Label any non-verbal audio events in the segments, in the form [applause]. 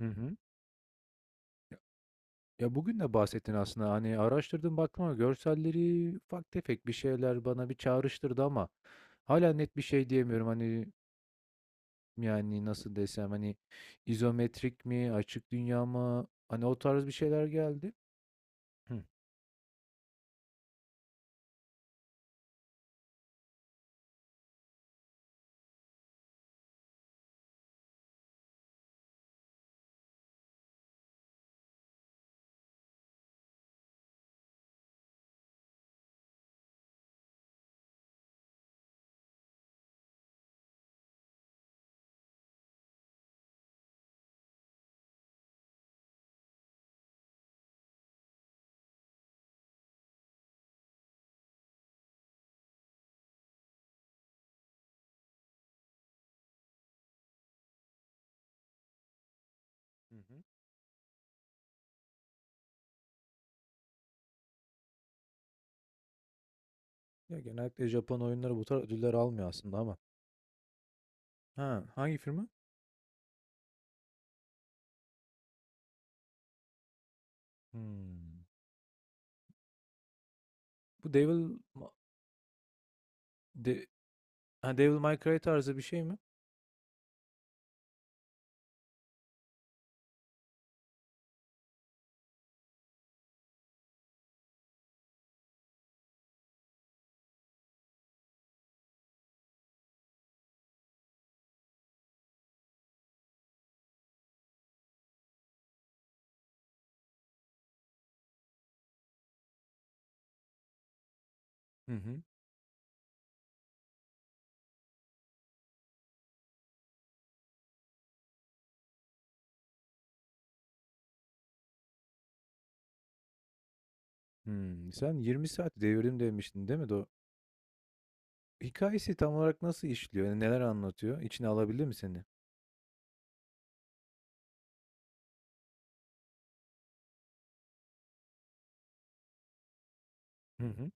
Hı hı. Ya ya, bugün de bahsettin aslında. Hani, araştırdım, baktım ama görselleri ufak tefek bir şeyler bana bir çağrıştırdı ama hala net bir şey diyemiyorum. Hani, yani, nasıl desem, hani, izometrik mi, açık dünya mı? Hani, o tarz bir şeyler geldi. Hıh. Hı hı. Ya, genellikle Japon oyunları bu tarz ödüller almıyor aslında ama. Ha, hangi firma? Hımm. Bu Devil ma de ha, Devil May Cry tarzı bir şey mi? Hı hı. Hımm. Sen 20 saat devirdim demiştin, değil mi? Hikâyesi tam olarak nasıl işliyor? Yani neler anlatıyor? İçine alabildi mi seni? Hı hı.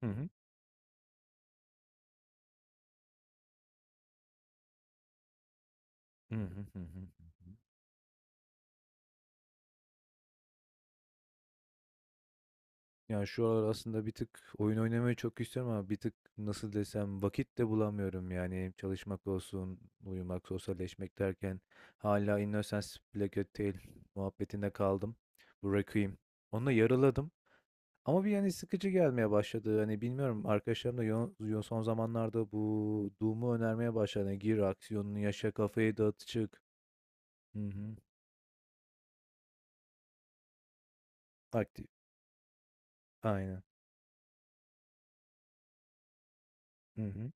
Hı hı. Hı hı. Hı hı. Hı. Yani, şu aralar aslında bir tık oyun oynamayı çok istiyorum ama bir tık, nasıl desem, vakit de bulamıyorum. Yani, çalışmak olsun, uyumak, sosyalleşmek derken hala Innocence Black hotel muhabbetinde kaldım. Bu Requiem. Onu yarıladım. Ama bir yani sıkıcı gelmeye başladı. Hani bilmiyorum arkadaşlarım da son zamanlarda bu Doom'u önermeye başladı. Hani gir aksiyonunu yaşa kafayı dağıt çık. Hı hı. Aktif. Aynen. Hı hı.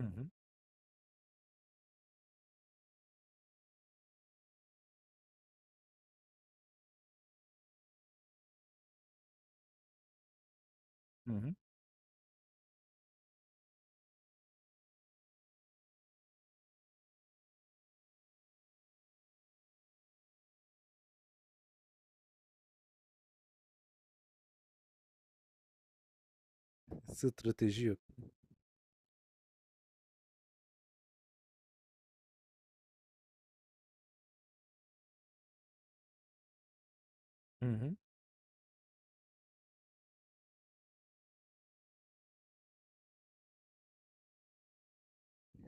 Hı hı. Hı hı. Strateji yok. Hı hı.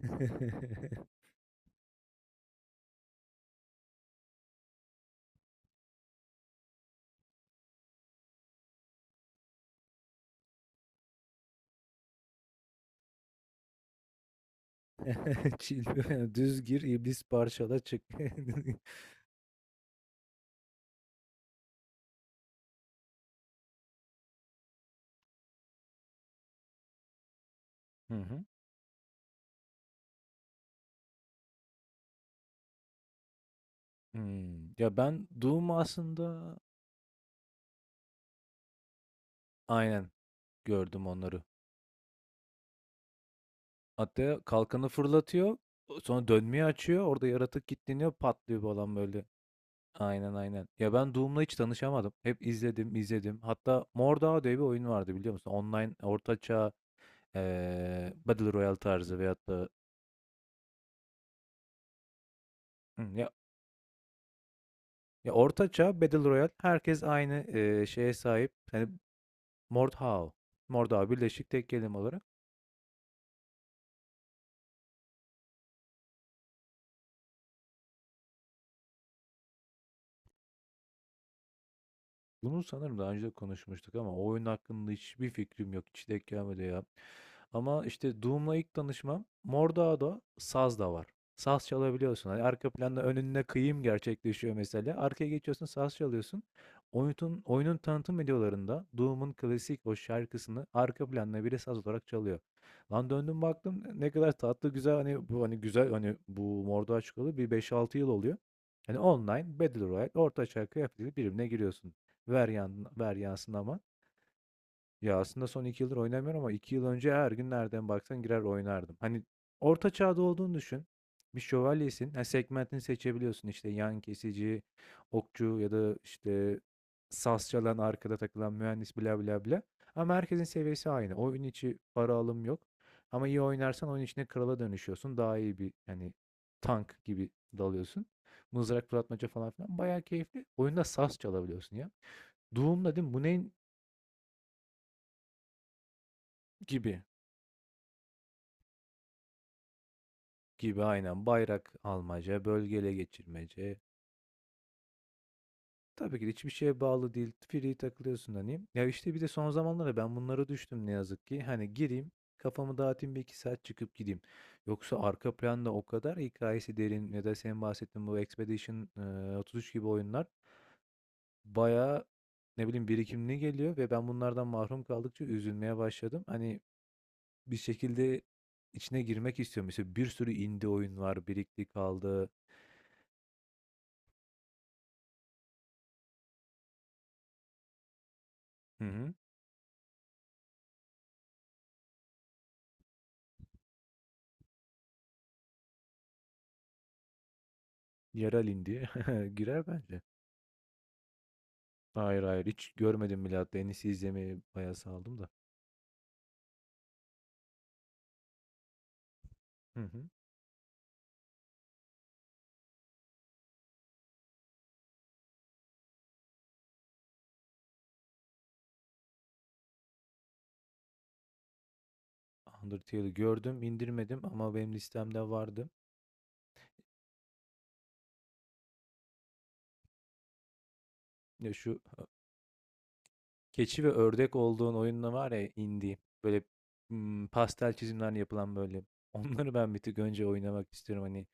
[laughs] Chill. [laughs] Düz gir iblis parçala çık. [laughs] Hı hı. Hmm. Ya ben Doom aslında aynen gördüm onları. Hatta kalkanı fırlatıyor. Sonra dönmeyi açıyor. Orada yaratık kilitleniyor. Patlıyor falan böyle. Aynen aynen. Ya ben Doom'la hiç tanışamadım. Hep izledim izledim. Hatta Mordhau diye bir oyun vardı biliyor musun? Online ortaçağ Battle Royale tarzı veyahut da hı, ya, ya ortaçağ Battle Royale herkes aynı şeye sahip. Yani Mordhau. Mordhau birleşik tek kelime olarak. Bunu sanırım daha önce de konuşmuştuk ama o oyun hakkında hiçbir fikrim yok. Hiç denk gelmedi ya. Ama işte Doom'la ilk tanışmam Mordağda saz da var. Saz çalabiliyorsun. Hani arka planda önüne kıyım gerçekleşiyor mesela. Arkaya geçiyorsun saz çalıyorsun. Oyunun, oyunun tanıtım videolarında Doom'un klasik o şarkısını arka planda biri saz olarak çalıyor. Lan döndüm baktım ne kadar tatlı güzel hani bu hani güzel hani bu Mordor çıkalı bir beş altı yıl oluyor. Hani online Battle Royale orta çağ kıyafetiyle birbirine giriyorsun. Ver yan ver Yasin Aman. Ya, aslında son 2 yıldır oynamıyorum ama 2 yıl önce her gün nereden baksan girer oynardım. Hani orta çağda olduğunu düşün. Bir şövalyesin. Ha, segmentini seçebiliyorsun işte yan kesici, okçu ya da işte saz çalan arkada takılan mühendis bla bla bla. Ama herkesin seviyesi aynı. Oyun içi para alım yok. Ama iyi oynarsan oyun içine krala dönüşüyorsun. Daha iyi bir hani tank gibi dalıyorsun. Mızrak fırlatmaca falan filan. Bayağı keyifli. Oyunda saz çalabiliyorsun ya. Doğumla değil mi? Bu neyin gibi? Gibi aynen. Bayrak almaca, bölgele geçirmece. Tabii ki de hiçbir şeye bağlı değil. Free takılıyorsun hani. Ya işte bir de son zamanlarda ben bunlara düştüm ne yazık ki. Hani gireyim, kafamı dağıtayım bir iki saat çıkıp gideyim. Yoksa arka planda o kadar hikayesi derin ya da senin bahsettiğin bu Expedition 33 gibi oyunlar bayağı ne bileyim birikimli geliyor ve ben bunlardan mahrum kaldıkça üzülmeye başladım. Hani. Bir şekilde içine girmek istiyorum. Mesela bir sürü indie oyun var, birikti kaldı. Hı hı. Yerel indie [laughs] girer bence. Hayır hayır hiç görmedim bile, hatta en iyisi izlemeyi bayağı saldım da. Hı hı. Undertale'i gördüm, indirmedim ama benim listemde vardı. Ya şu keçi ve ördek olduğun oyunla var ya indie. Böyle pastel çizimler yapılan böyle. [laughs] Onları ben bir tık önce oynamak istiyorum. Hani.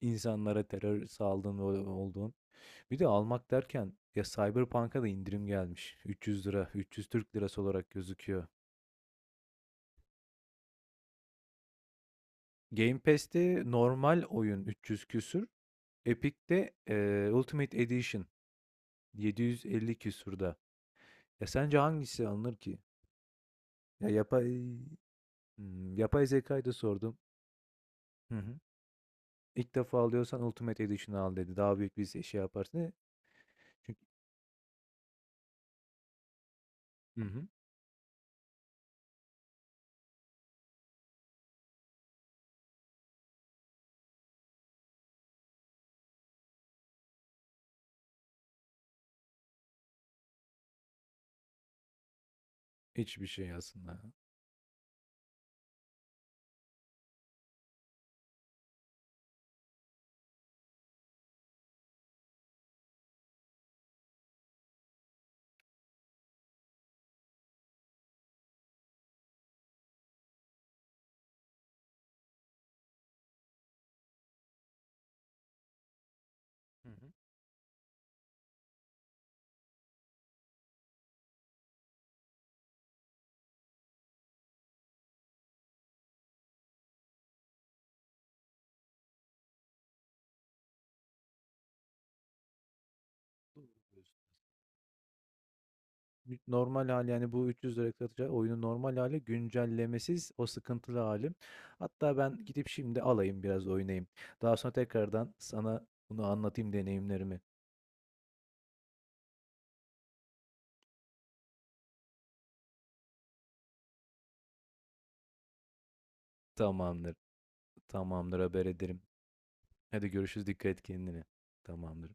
İnsanlara terör saldığın olduğun. Bir de almak derken ya Cyberpunk'a da indirim gelmiş. 300 lira, 300 Türk lirası olarak gözüküyor. Game Pass'te normal oyun 300 küsür. Epic'te Ultimate Edition 750 küsürde. Ya sence hangisi alınır ki? Ya yapay Hmm, yapay zekayı da sordum. Hı hı. İlk defa alıyorsan Ultimate Edition'ı al dedi. Daha büyük bir şey yaparsın. Çünkü hı hı. Hiçbir şey aslında. Hı hı. Normal hali yani bu 300 lira satacağı oyunun normal hali güncellemesiz o sıkıntılı hali. Hatta ben gidip şimdi alayım biraz oynayayım. Daha sonra tekrardan sana bunu anlatayım deneyimlerimi. Tamamdır. Tamamdır, haber ederim. Hadi görüşürüz, dikkat et kendine. Tamamdır.